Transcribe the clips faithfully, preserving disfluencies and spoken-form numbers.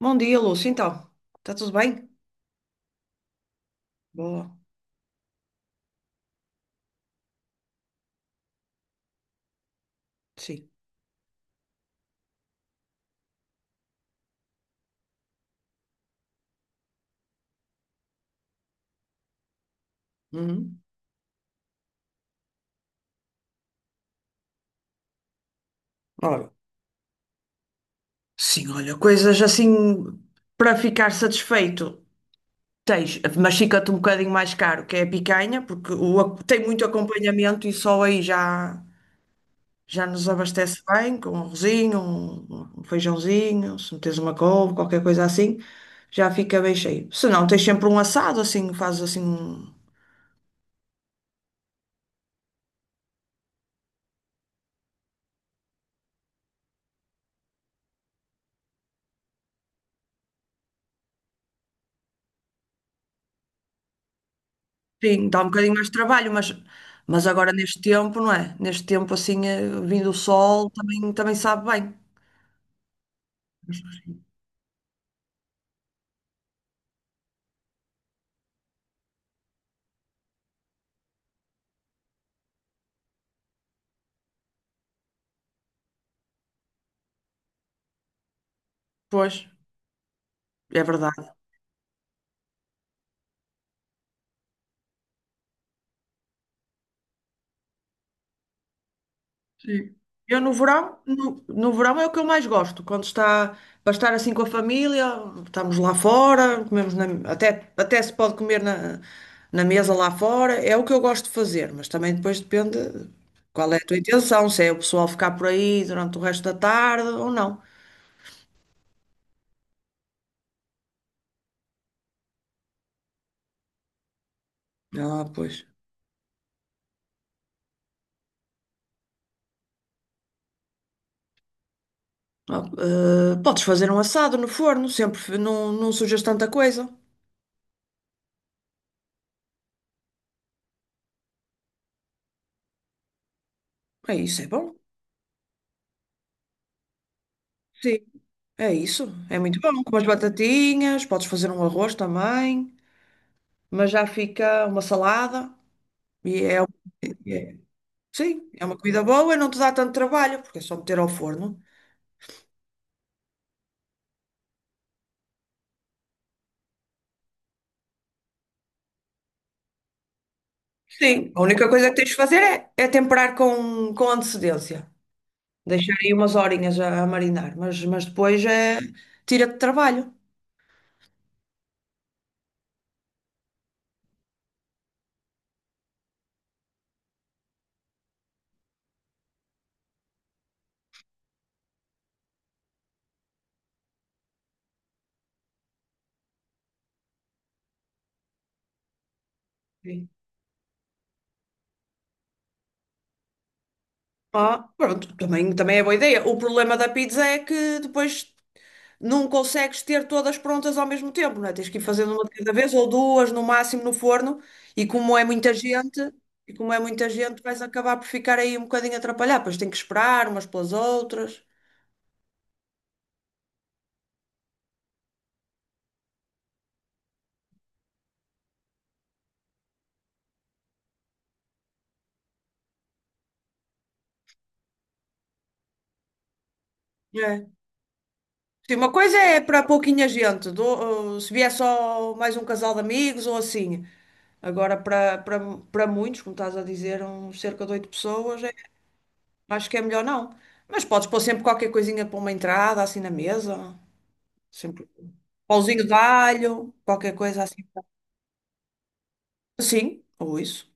Bom dia, Lúcia. Então, está tudo bem? Boa. Sim. Uhum. Ora. Sim, olha, coisas assim para ficar satisfeito. Tens, mas fica-te um bocadinho mais caro, que é a picanha, porque o ac- tem muito acompanhamento e só aí já, já nos abastece bem, com um arrozinho, um, um feijãozinho, se meteres uma couve, qualquer coisa assim, já fica bem cheio. Se não, tens sempre um assado, assim, fazes assim. Um. Sim, dá um bocadinho mais de trabalho, mas, mas agora neste tempo, não é? Neste tempo, assim, eh, vindo o sol, também, também sabe bem. Pois, é verdade. Sim. Eu no verão, no, no verão é o que eu mais gosto, quando está para estar assim com a família, estamos lá fora, comemos na- até, até se pode comer na, na mesa lá fora, é o que eu gosto de fazer, mas também depois depende qual é a tua intenção, se é o pessoal ficar por aí durante o resto da tarde ou não. Ah, pois. Ah, eh, podes fazer um assado no forno, sempre f- não, não sujas tanta coisa. É isso, é bom. Sim, é isso. É muito bom. Com umas batatinhas, podes fazer um arroz também, mas já fica uma salada. E é, é- sim, é uma comida boa e não te dá tanto trabalho, porque é só meter ao forno. Sim, a única coisa que tens de fazer é, é temperar com, com antecedência. Deixar aí umas horinhas a, a marinar, mas, mas depois é tira-te trabalho. Ah, pronto, também, também é boa ideia. O problema da pizza é que depois não consegues ter todas prontas ao mesmo tempo, não é? Tens que ir fazendo uma de cada vez ou duas no máximo no forno, e como é muita gente, e como é muita gente, vais acabar por ficar aí um bocadinho atrapalhado, pois tem que esperar umas pelas outras. É. Sim, uma coisa é para pouquinha gente, do- uh, se vier só mais um casal de amigos ou assim. Agora, para para- para muitos, como estás a dizer, uns cerca de oito pessoas. É. Acho que é melhor não. Mas podes pôr sempre qualquer coisinha para uma entrada, assim na mesa. Sempre pauzinho de alho, qualquer coisa assim. Sim, ou isso.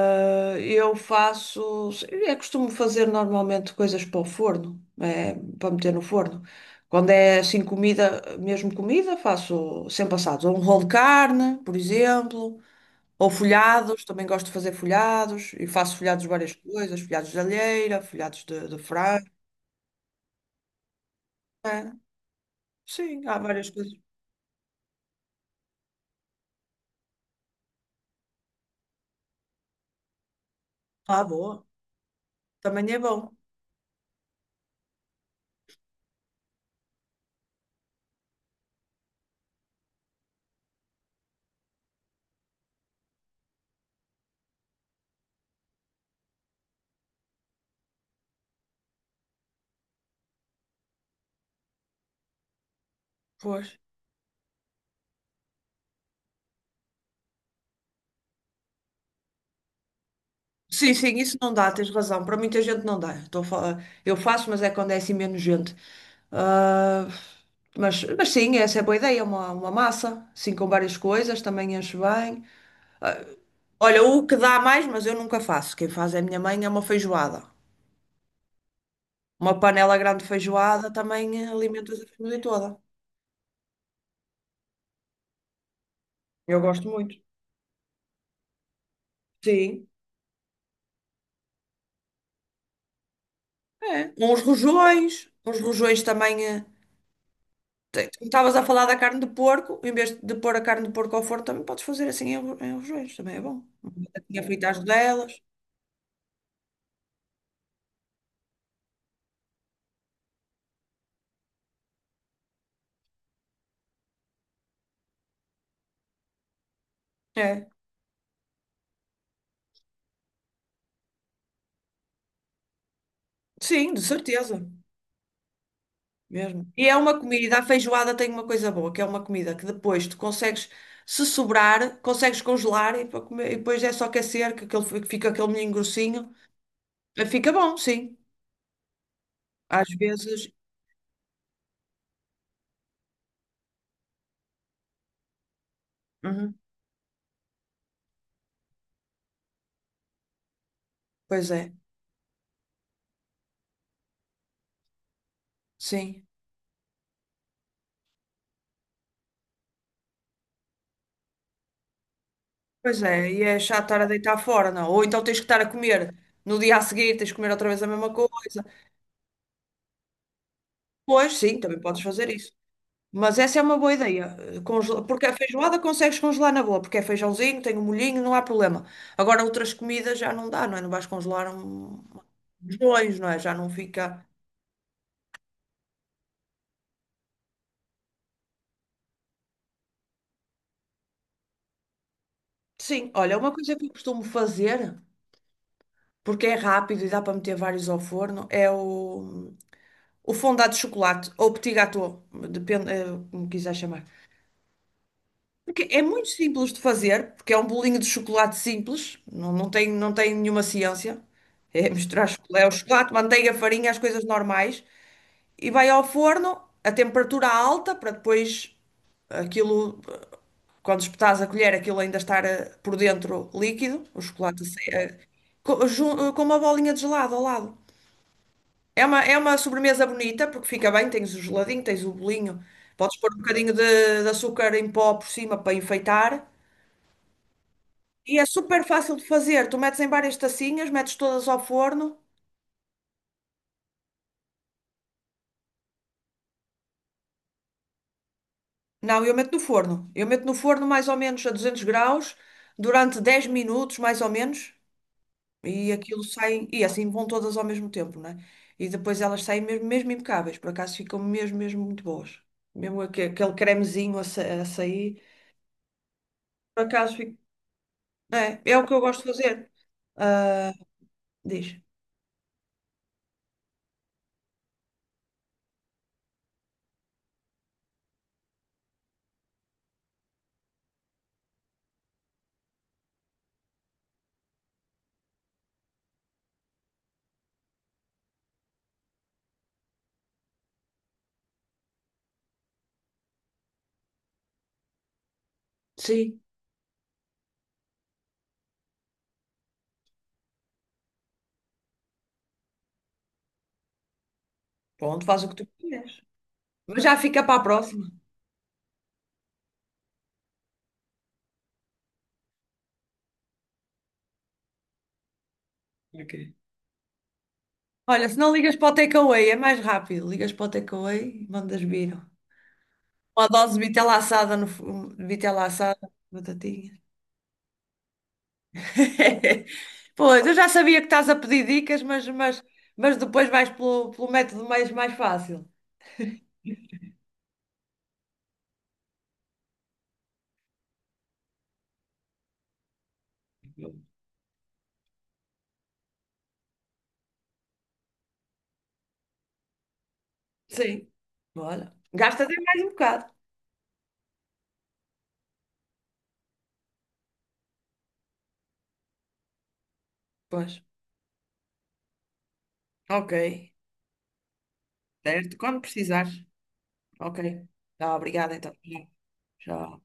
Eh, Eu faço. Eu costumo fazer normalmente coisas para o forno, eh, para meter no forno. Quando é assim comida, mesmo comida, faço sempre assados. Ou um rolo de carne, por exemplo. Ou folhados, também gosto de fazer folhados. E faço folhados de várias coisas: folhados de alheira, folhados de, de frango. Né? Sim, há várias coisas. Ah, boa. Também é bom. Pois. Sim, sim, isso não dá, tens razão. Para muita gente não dá. Estou a falar- Eu faço, mas é quando é assim menos gente. Ah, mas, mas sim, essa é boa ideia. Uma, uma massa, assim com várias coisas, também enche bem. Olha, o que dá mais, mas eu nunca faço. Quem faz é a minha mãe, é uma feijoada. Uma panela grande de feijoada também alimenta a família toda. Eu gosto muito. Sim. É. Uns rojões. Uns rojões também. eh, Te- Tu estavas a falar da carne de porco, em vez de pôr a carne de porco ao forno, também podes fazer assim em, ro- em rojões, também é bom. Uma batatinha frita às rodelas. É, sim, de certeza, mesmo. E é uma comida, a feijoada tem uma coisa boa, que é uma comida que depois tu consegues, se sobrar, consegues congelar e, para comer, e depois é só aquecer, que aquele, fi- fica aquele molhinho grossinho. Eh, Fica bom, sim. Às vezes, uhum, pois é, sim. Pois é, e é chato estar a deitar fora, não? Ou então tens que estar a comer no dia a seguir, tens que comer outra vez a mesma coisa. Pois, sim, também podes fazer isso. Mas essa é uma boa ideia. Congela- Porque a feijoada consegues congelar na boa, porque é feijãozinho, tem um molhinho, não há problema. Agora outras comidas já não dá, não é? Não vais congelar um... uns dois, não é? Já não fica. Sim, olha, uma coisa que eu costumo fazer, porque é rápido e dá para meter vários ao forno, é o, o fondant de chocolate ou petit gâteau, depende, eh, como quiser chamar. Porque é muito simples de fazer, porque é um bolinho de chocolate simples, não, não tem, não tem nenhuma ciência. É misturar chocolate, é o chocolate, manteiga, farinha, as coisas normais, e vai ao forno a temperatura alta para depois aquilo, eh, quando espetares a colher, aquilo ainda estar eh, por dentro líquido, o chocolate a sair, eh, co- jun- eh, com uma bolinha de gelado ao lado. É uma, é uma sobremesa bonita porque fica bem, tens o geladinho, tens o bolinho, podes pôr um bocadinho de, de açúcar em pó por cima para enfeitar. E é super fácil de fazer. Tu metes em várias tacinhas, metes todas ao forno. Não, eu meto no forno. Eu meto no forno mais ou menos a 200 graus durante dez minutos, mais ou menos. E aquilo sai. E assim vão todas ao mesmo tempo, né? E depois elas saem mesmo, mesmo impecáveis. Por acaso ficam mesmo, mesmo muito boas. Mesmo aque- aquele cremezinho a, sa- a sair. Por acaso fica. É, é o que eu gosto de fazer. Ah, diz. Sim. Pronto, faz o que tu quiseres. Mas já fica para a próxima. Ok. Olha, se não ligas para o takeaway, é mais rápido. Ligas para o takeaway e mandas vir. Uma dose de vitela assada, no, fu- vitela assada, batatinha. Pois, eu já sabia que estás a pedir dicas, mas, mas, mas depois vais pelo, pelo método mais, mais fácil. Sim. Bora. Gasta até mais um bocado. Pois. Ok. Certo. Quando precisares. Ok. Tá, obrigada então. Já.